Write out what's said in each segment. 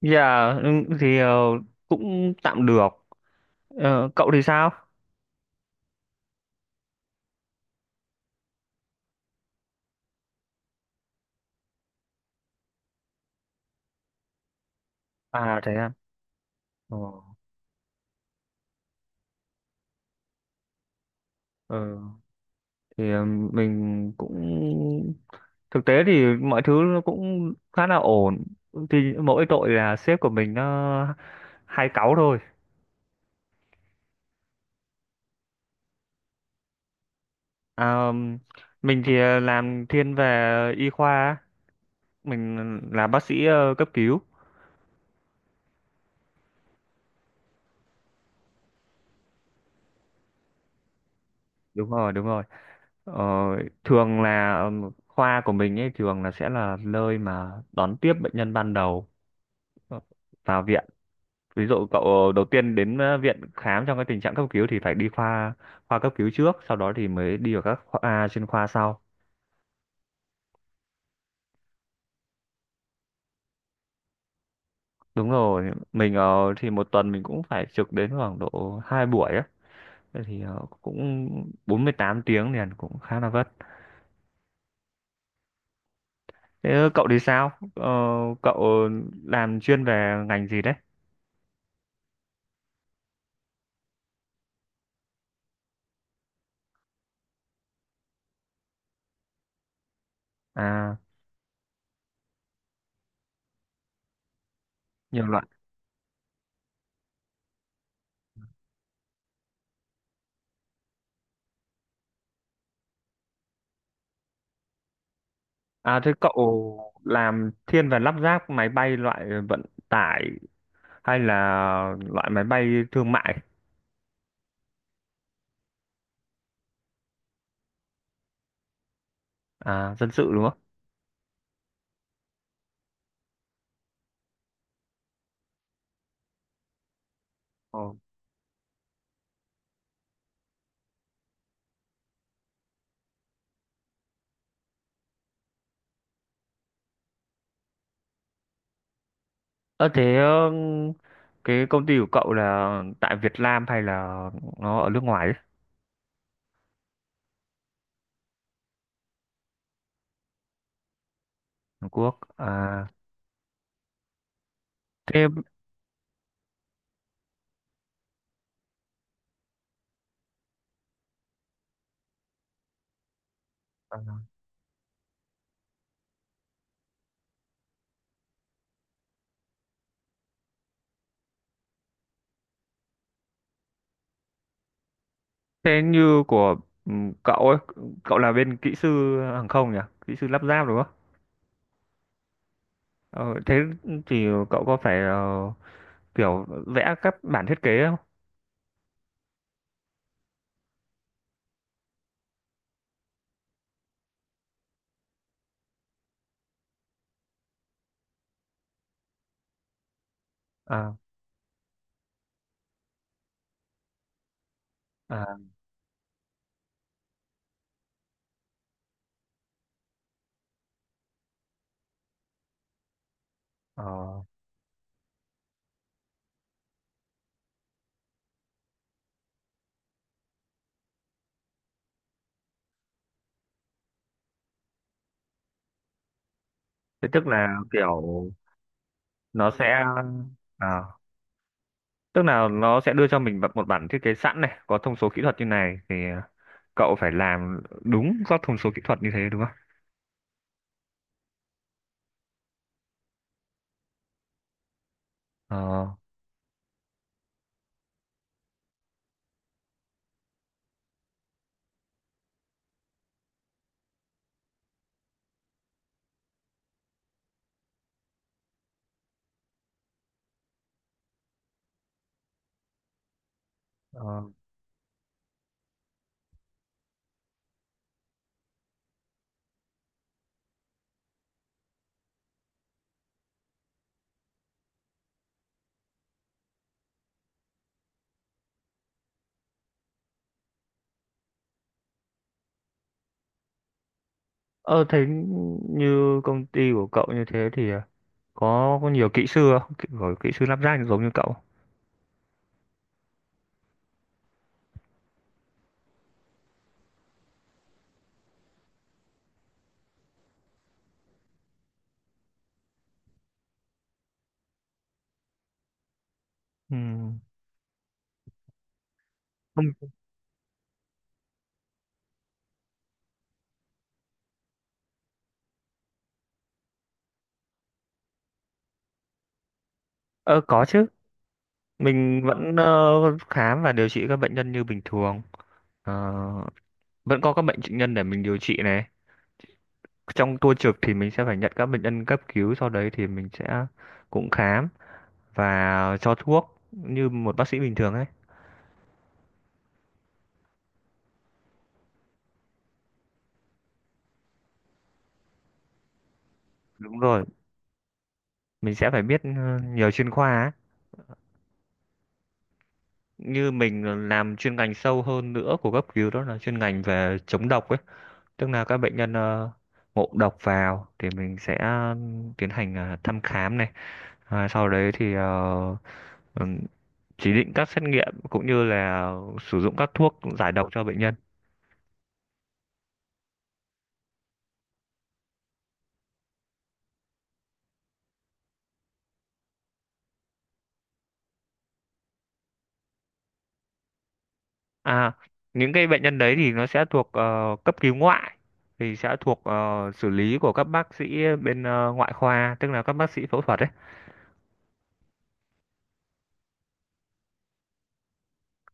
Dạ ừ, thì cũng tạm được. Ờ, cậu thì sao? À thế à. Ờ, ờ, thì mình cũng thực tế thì mọi thứ nó cũng khá là ổn. Thì mỗi tội là sếp của mình nó hay cáu thôi. À, mình thì làm thiên về y khoa, á. Mình là bác sĩ cấp cứu. Đúng rồi, đúng rồi. Ờ, thường là khoa của mình ấy thường là sẽ là nơi mà đón tiếp bệnh nhân ban đầu vào viện. Ví dụ cậu đầu tiên đến viện khám trong cái tình trạng cấp cứu thì phải đi khoa khoa cấp cứu trước, sau đó thì mới đi vào các khoa à, chuyên khoa sau. Đúng rồi, mình thì một tuần mình cũng phải trực đến khoảng độ hai buổi á. Thế thì cũng 48 tiếng liền cũng khá là vất. Thế cậu thì sao? Ờ, Cậu làm chuyên về ngành gì đấy? À, nhiều loại. À, thế cậu làm thiên về lắp ráp máy bay loại vận tải hay là loại máy bay thương mại, à, dân sự đúng không? Ờ. Ờ, thế cái công ty của cậu là tại Việt Nam hay là nó ở nước ngoài ấy? Hàn Quốc à, thế ờ. Thế như của ừ, cậu ấy, cậu là bên kỹ sư hàng không nhỉ, kỹ sư lắp ráp đúng không? Ờ, Thế thì cậu có phải kiểu vẽ các bản thiết kế không? à, à, ờ. Thế tức là kiểu nó sẽ à, tức là nó sẽ đưa cho mình một bản thiết kế sẵn này, có thông số kỹ thuật như này thì cậu phải làm đúng các thông số kỹ thuật như thế đúng không? Ờ. Ờ, Ờ, thế như công ty của cậu như thế thì có nhiều kỹ sư không? Có kỹ sư lắp ráp giống như cậu. Ừ. Không, ờ, có chứ. Mình vẫn khám và điều trị các bệnh nhân như bình thường. Ờ, Vẫn có các bệnh bệnh nhân để mình điều trị này. Trong tua trực thì mình sẽ phải nhận các bệnh nhân cấp cứu, sau đấy thì mình sẽ cũng khám và cho thuốc như một bác sĩ bình thường ấy. Đúng rồi, mình sẽ phải biết nhiều chuyên khoa ấy. Như mình làm chuyên ngành sâu hơn nữa của cấp cứu đó là chuyên ngành về chống độc ấy. Tức là các bệnh nhân ngộ độc vào thì mình sẽ tiến hành thăm khám này. À, sau đấy thì ừm, chỉ định các xét nghiệm cũng như là sử dụng các thuốc giải độc cho bệnh nhân. À, những cái bệnh nhân đấy thì nó sẽ thuộc cấp cứu ngoại thì sẽ thuộc xử lý của các bác sĩ bên ngoại khoa, tức là các bác sĩ phẫu thuật đấy.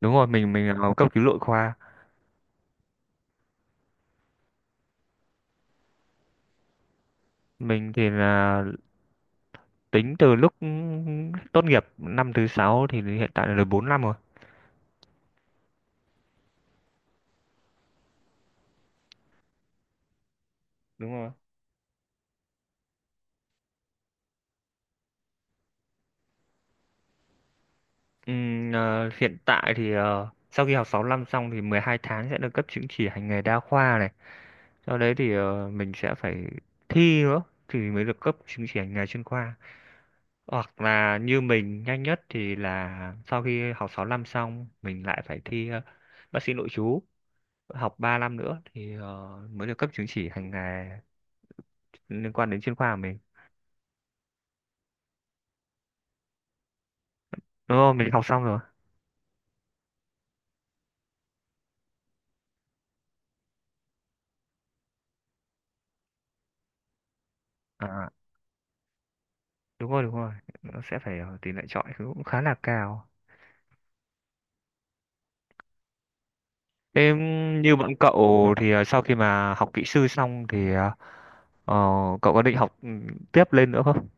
Đúng rồi, mình cấp cứu nội khoa. Mình thì là tính từ lúc tốt nghiệp năm thứ sáu thì hiện tại là được 4 năm rồi. Đúng rồi. Ờ, Hiện tại thì sau khi học 6 năm xong thì 12 tháng sẽ được cấp chứng chỉ hành nghề đa khoa này. Sau đấy thì mình sẽ phải thi nữa thì mới được cấp chứng chỉ hành nghề chuyên khoa. Hoặc là như mình nhanh nhất thì là sau khi học 6 năm xong mình lại phải thi bác sĩ nội trú, học 3 năm nữa thì mới được cấp chứng chỉ hành nghề liên quan đến chuyên khoa của mình. Đúng không? Mình học xong rồi. À, đúng rồi, đúng rồi. Nó sẽ phải tỷ lệ chọi cũng khá là cao. Thế như bọn cậu thì sau khi mà học kỹ sư xong thì ờ, cậu có định học tiếp lên nữa không?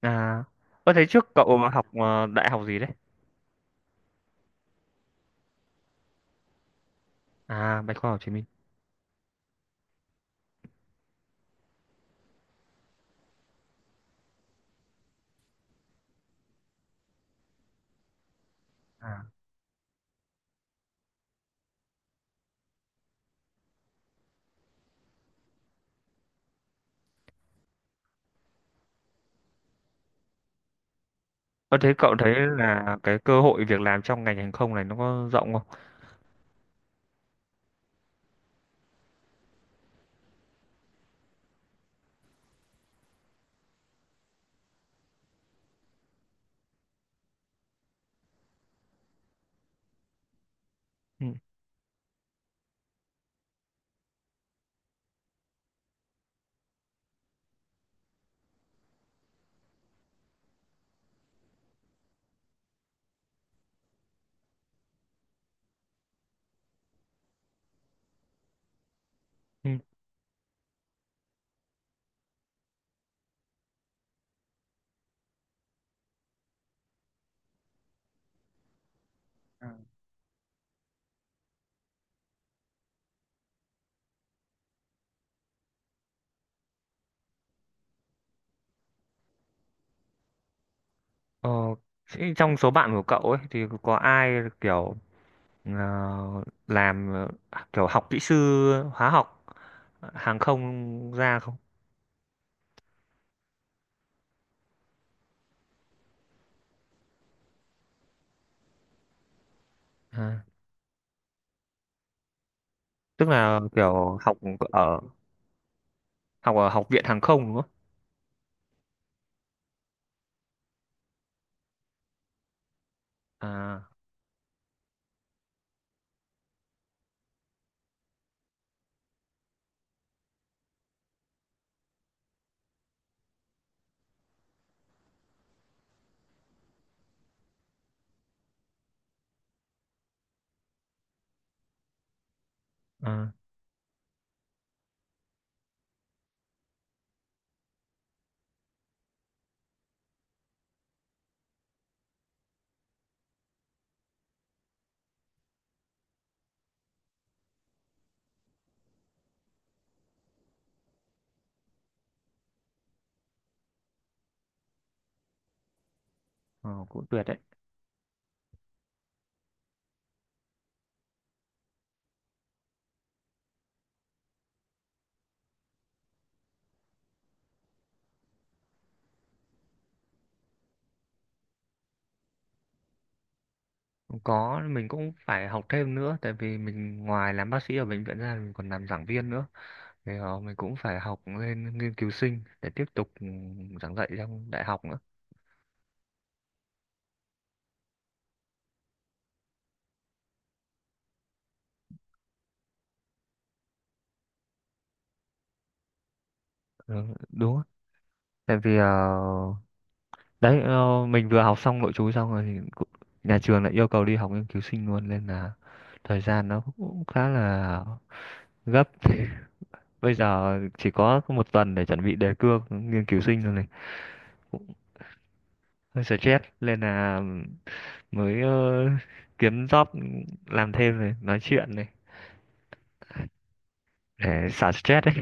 À, có thấy trước cậu học đại học gì đấy? À, Bách khoa Hồ Chí Minh. À. Có, thế cậu thấy là cái cơ hội việc làm trong ngành hàng không này nó có rộng không? Ừ. Ừ. Ừ. Ờ, thế trong số bạn của cậu ấy thì có ai kiểu ờ, làm kiểu học kỹ sư hóa học hàng không ra không? À, tức là kiểu ở học ở học viện hàng không đúng không? À, à, ờ, Cũng tuyệt đấy. Có mình cũng phải học thêm nữa tại vì mình ngoài làm bác sĩ ở bệnh viện ra mình còn làm giảng viên nữa. Thế đó, mình cũng phải học lên nghiên cứu sinh để tiếp tục giảng dạy trong đại học nữa. Ừ, đúng á. Tại vì đấy mình vừa học xong nội trú xong rồi nhà trường lại yêu cầu đi học nghiên cứu sinh luôn nên là thời gian nó cũng khá là gấp bây giờ chỉ có một tuần để chuẩn bị đề cương nghiên cứu sinh rồi này, cũng hơi stress nên là mới kiếm job làm thêm này nói chuyện này để xả stress đấy.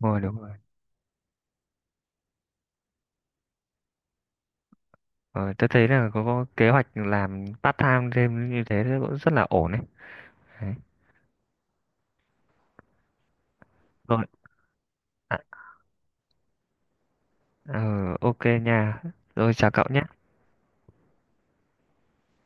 Ngồi đúng rồi. Ờ, tôi thấy là có kế hoạch làm part time thêm như thế cũng rất là ổn đấy. Đấy. Rồi, à, ờ, ok nha. Rồi chào cậu nhé.